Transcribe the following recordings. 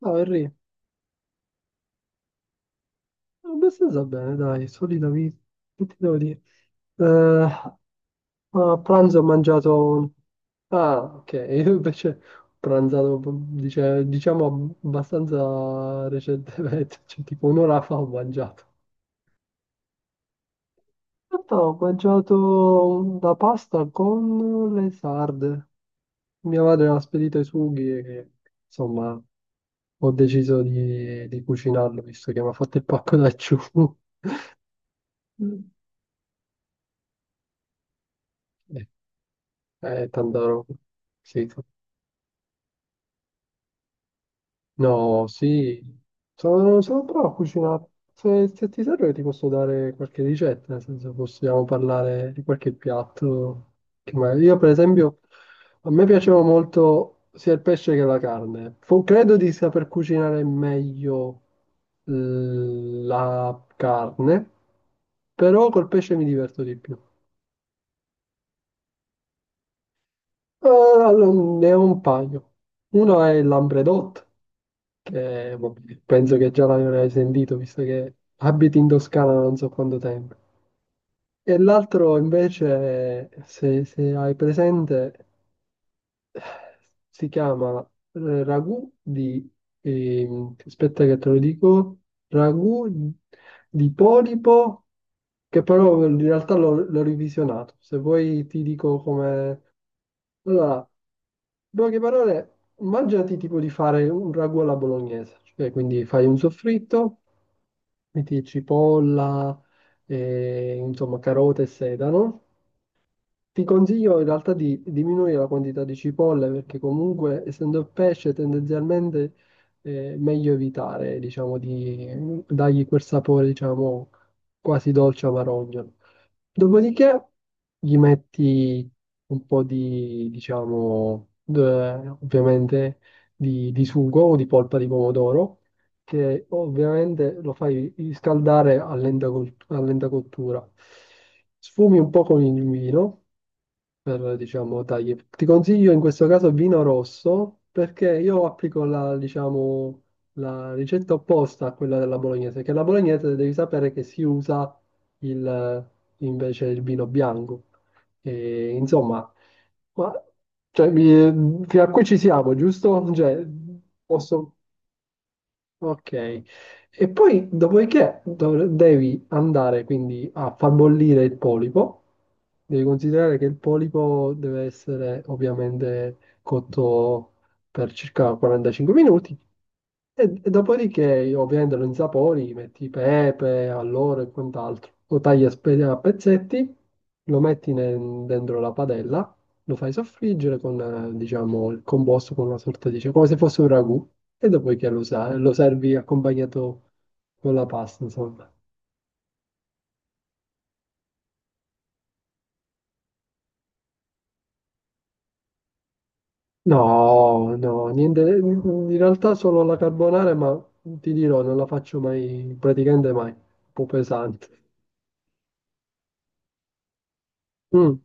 No, Henry, abbastanza bene, dai, solita vita. Che ti devo dire? Eh, A pranzo ho mangiato. Ah, ok, io invece ho pranzato, diciamo, abbastanza recentemente, cioè tipo un'ora fa ho mangiato. In realtà ho mangiato la pasta con le sarde. Mia madre mi ha spedito i sughi e insomma ho deciso di cucinarlo visto che mi ha fatto il pacco da ciù. Tanta roba. Sì, no, sì, sono bravo a cucinare. Se ti serve ti posso dare qualche ricetta, nel senso possiamo parlare di qualche piatto. Io per esempio, a me piaceva molto sia il pesce che la carne. Credo di saper cucinare meglio la carne, però col pesce mi diverto di più. Allora, ne ho un paio. Uno è il lambredotto che boh, penso che già l'avrai sentito, visto che abiti in Toscana da non so quanto tempo. E l'altro invece, se hai presente, si chiama ragù di, aspetta che te lo dico, ragù di polipo, che però in realtà l'ho revisionato. Se vuoi ti dico come. Allora, in poche parole, immaginati tipo di fare un ragù alla bolognese, cioè quindi fai un soffritto, metti cipolla, e, insomma, carote e sedano, ti consiglio in realtà di diminuire la quantità di cipolle perché comunque essendo pesce tendenzialmente è meglio evitare, diciamo, di dargli quel sapore, diciamo, quasi dolce amarognolo. Dopodiché gli metti un po' di, diciamo, ovviamente di sugo o di polpa di pomodoro che ovviamente lo fai riscaldare a lenta, a lenta cottura. Sfumi un po' con il vino per, diciamo, tagli. Ti consiglio in questo caso vino rosso perché io applico la, diciamo, la ricetta opposta a quella della bolognese, che la bolognese devi sapere che si usa il, invece il vino bianco. E, insomma, ma, cioè, fino a qui ci siamo, giusto? Cioè, posso. Ok, e poi dopodiché devi andare quindi a far bollire il polipo. Devi considerare che il polipo deve essere ovviamente cotto per circa 45 minuti e dopodiché, io, ovviamente, lo insapori, metti pepe, alloro e quant'altro. Lo tagli a pezzetti, lo metti dentro la padella, lo fai soffriggere con, diciamo, il composto con una sorta di come se fosse un ragù, e dopodiché lo servi accompagnato con la pasta, insomma. No, no, niente, in realtà solo la carbonara, ma ti dirò, non la faccio mai, praticamente mai, un po' pesante. Mm,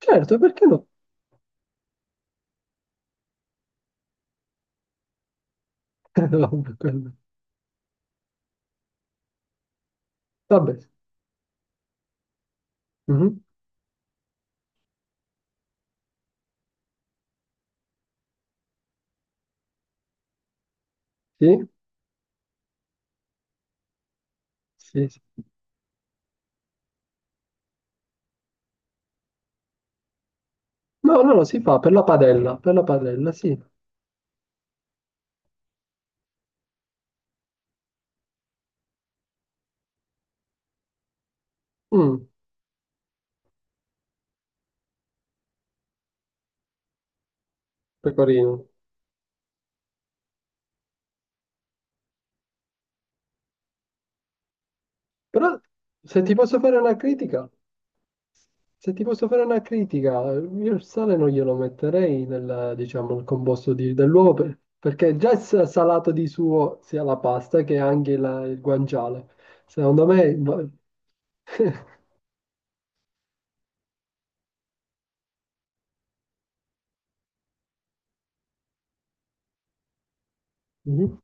certo, perché no? Vabbè, mhm, sì, sì, sì. No, no, no, si fa per la padella, sì. Mm, pecorino. Però se ti posso fare una critica, se ti posso fare una critica, io il sale non glielo metterei nel, diciamo, nel composto dell'uovo, perché già è salato di suo sia la pasta che anche il guanciale. Secondo me Mhm.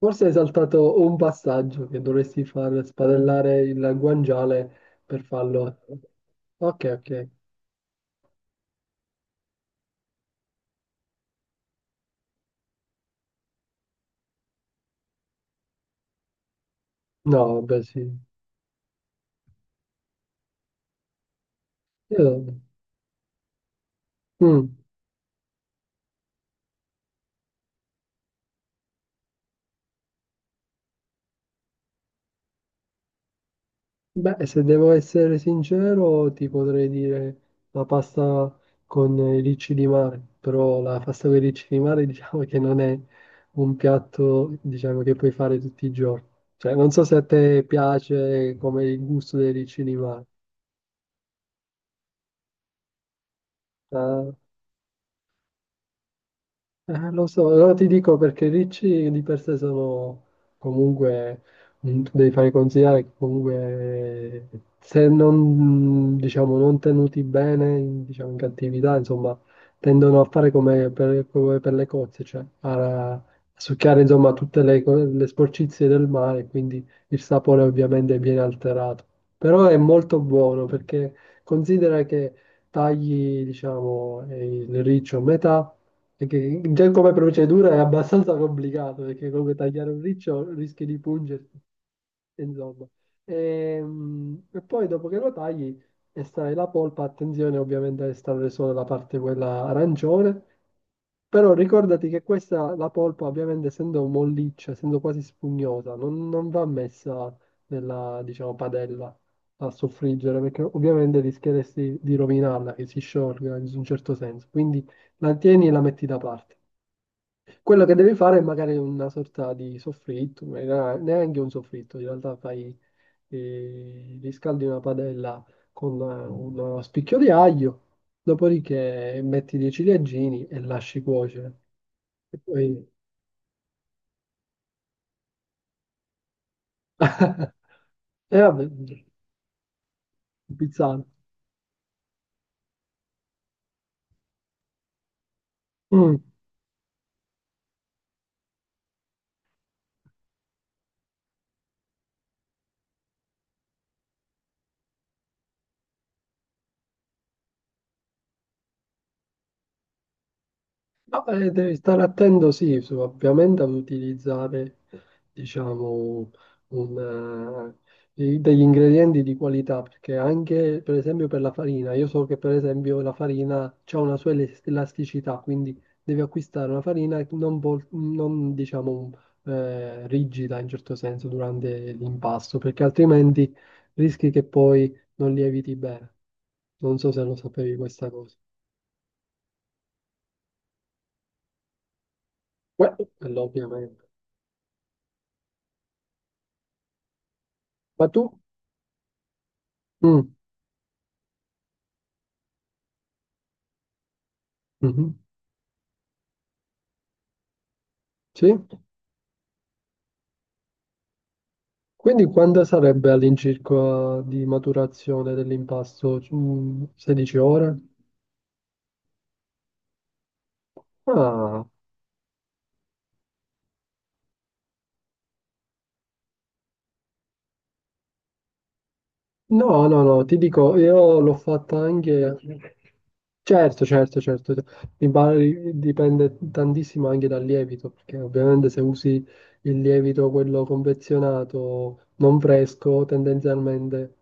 Forse hai saltato un passaggio che dovresti far spadellare il guanciale per farlo. Ok, ok. No, beh, sì. Io- mm. Beh, se devo essere sincero, ti potrei dire la pasta con i ricci di mare, però la pasta con i ricci di mare diciamo che non è un piatto, diciamo, che puoi fare tutti i giorni. Cioè, non so se a te piace come il gusto dei ricci di mare. Ah. Lo so, allora ti dico perché i ricci di per sé sono comunque, tu devi fare considerare che comunque se non, diciamo, non tenuti bene, in, diciamo, in cattività, insomma, tendono a fare come per le cozze, cioè a succhiare, insomma, tutte le sporcizie del mare, quindi il sapore ovviamente viene alterato. Però è molto buono perché considera che tagli, diciamo, il riccio a metà, perché già come procedura è abbastanza complicato, perché comunque tagliare un riccio rischi di pungerti insomma. E, poi dopo che lo tagli, estrai la polpa, attenzione ovviamente a estrarre solo la parte quella arancione, però ricordati che questa, la polpa ovviamente essendo molliccia, essendo quasi spugnosa, non va messa nella, diciamo, padella a soffriggere, perché ovviamente rischieresti di rovinarla, che si sciolga in un certo senso, quindi la tieni e la metti da parte. Quello che devi fare è magari una sorta di soffritto, ma neanche un soffritto, in realtà fai e riscaldi una padella con uno spicchio di aglio, dopodiché metti dei ciliegini e lasci cuocere. E poi. E vabbè, pizzata. No, devi stare attento, sì, ovviamente ad utilizzare, diciamo, un, degli ingredienti di qualità, perché anche, per esempio, per la farina, io so che, per esempio, la farina ha una sua elasticità, quindi devi acquistare una farina non, diciamo, rigida in certo senso durante l'impasto, perché altrimenti rischi che poi non lieviti bene. Non so se lo sapevi questa cosa. Beh, quello ovviamente. Ma tu? Mm, mhm, sì. Quindi quando sarebbe all'incirca di maturazione dell'impasto? 16 ore? Ah, no, no, no, ti dico, io l'ho fatta anche. Certo, certo, certo. Il bar dipende tantissimo anche dal lievito, perché ovviamente se usi il lievito, quello confezionato, non fresco, tendenzialmente,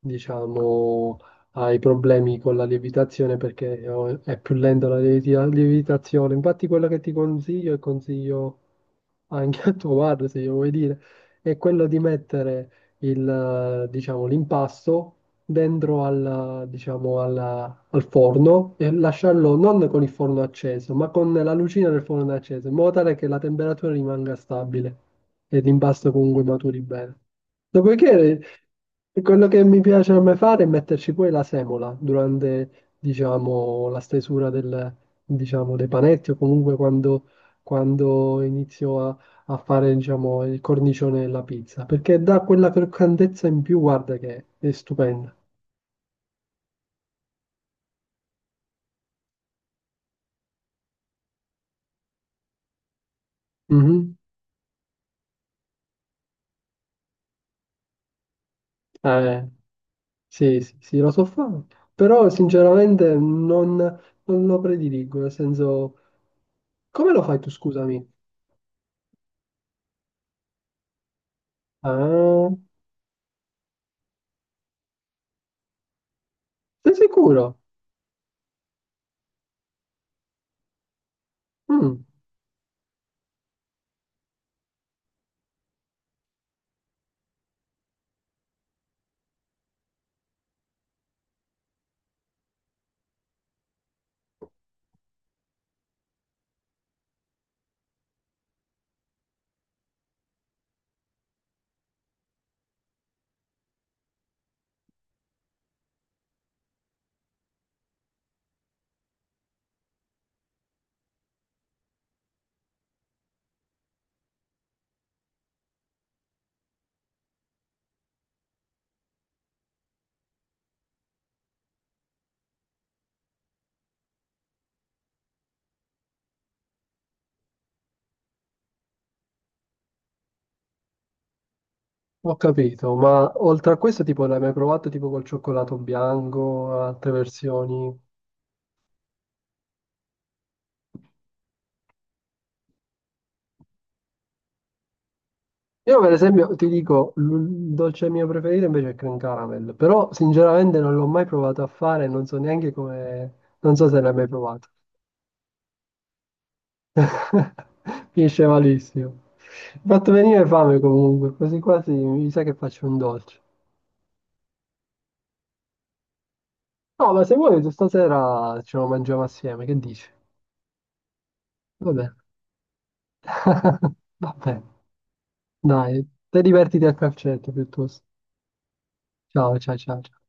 diciamo, hai problemi con la lievitazione perché è più lenta la lievitazione. Infatti quello che ti consiglio e consiglio anche a tuo padre, se io vuoi dire, è quello di mettere il, diciamo, l'impasto dentro al, diciamo, al forno e lasciarlo non con il forno acceso, ma con la lucina del forno acceso, in modo tale che la temperatura rimanga stabile e l'impasto comunque maturi bene. Dopodiché, quello che mi piace a me fare è metterci poi la semola durante, diciamo, la stesura del, diciamo, dei panetti o comunque quando, inizio a fare, diciamo, il cornicione della pizza, perché dà quella croccantezza in più, guarda che è stupenda. Mhm. Eh, sì, sì, sì, lo so fare, però sinceramente non lo prediligo, nel senso, come lo fai tu, scusami? Ah, sei sicuro? Mm, Ho capito, ma oltre a questo, tipo, l'hai mai provato tipo col cioccolato bianco, altre versioni? Io per esempio ti dico, il dolce mio preferito invece è cream caramel, però sinceramente non l'ho mai provato a fare, non so neanche come, non so se l'hai mai provato. Finisce malissimo. Mi ha fatto venire fame comunque, quasi quasi mi sa che faccio un dolce. No, ma se vuoi stasera ce lo mangiamo assieme, che dici? Va bene. Va bene, dai, te divertiti a calcetto piuttosto. Ciao, ciao, ciao.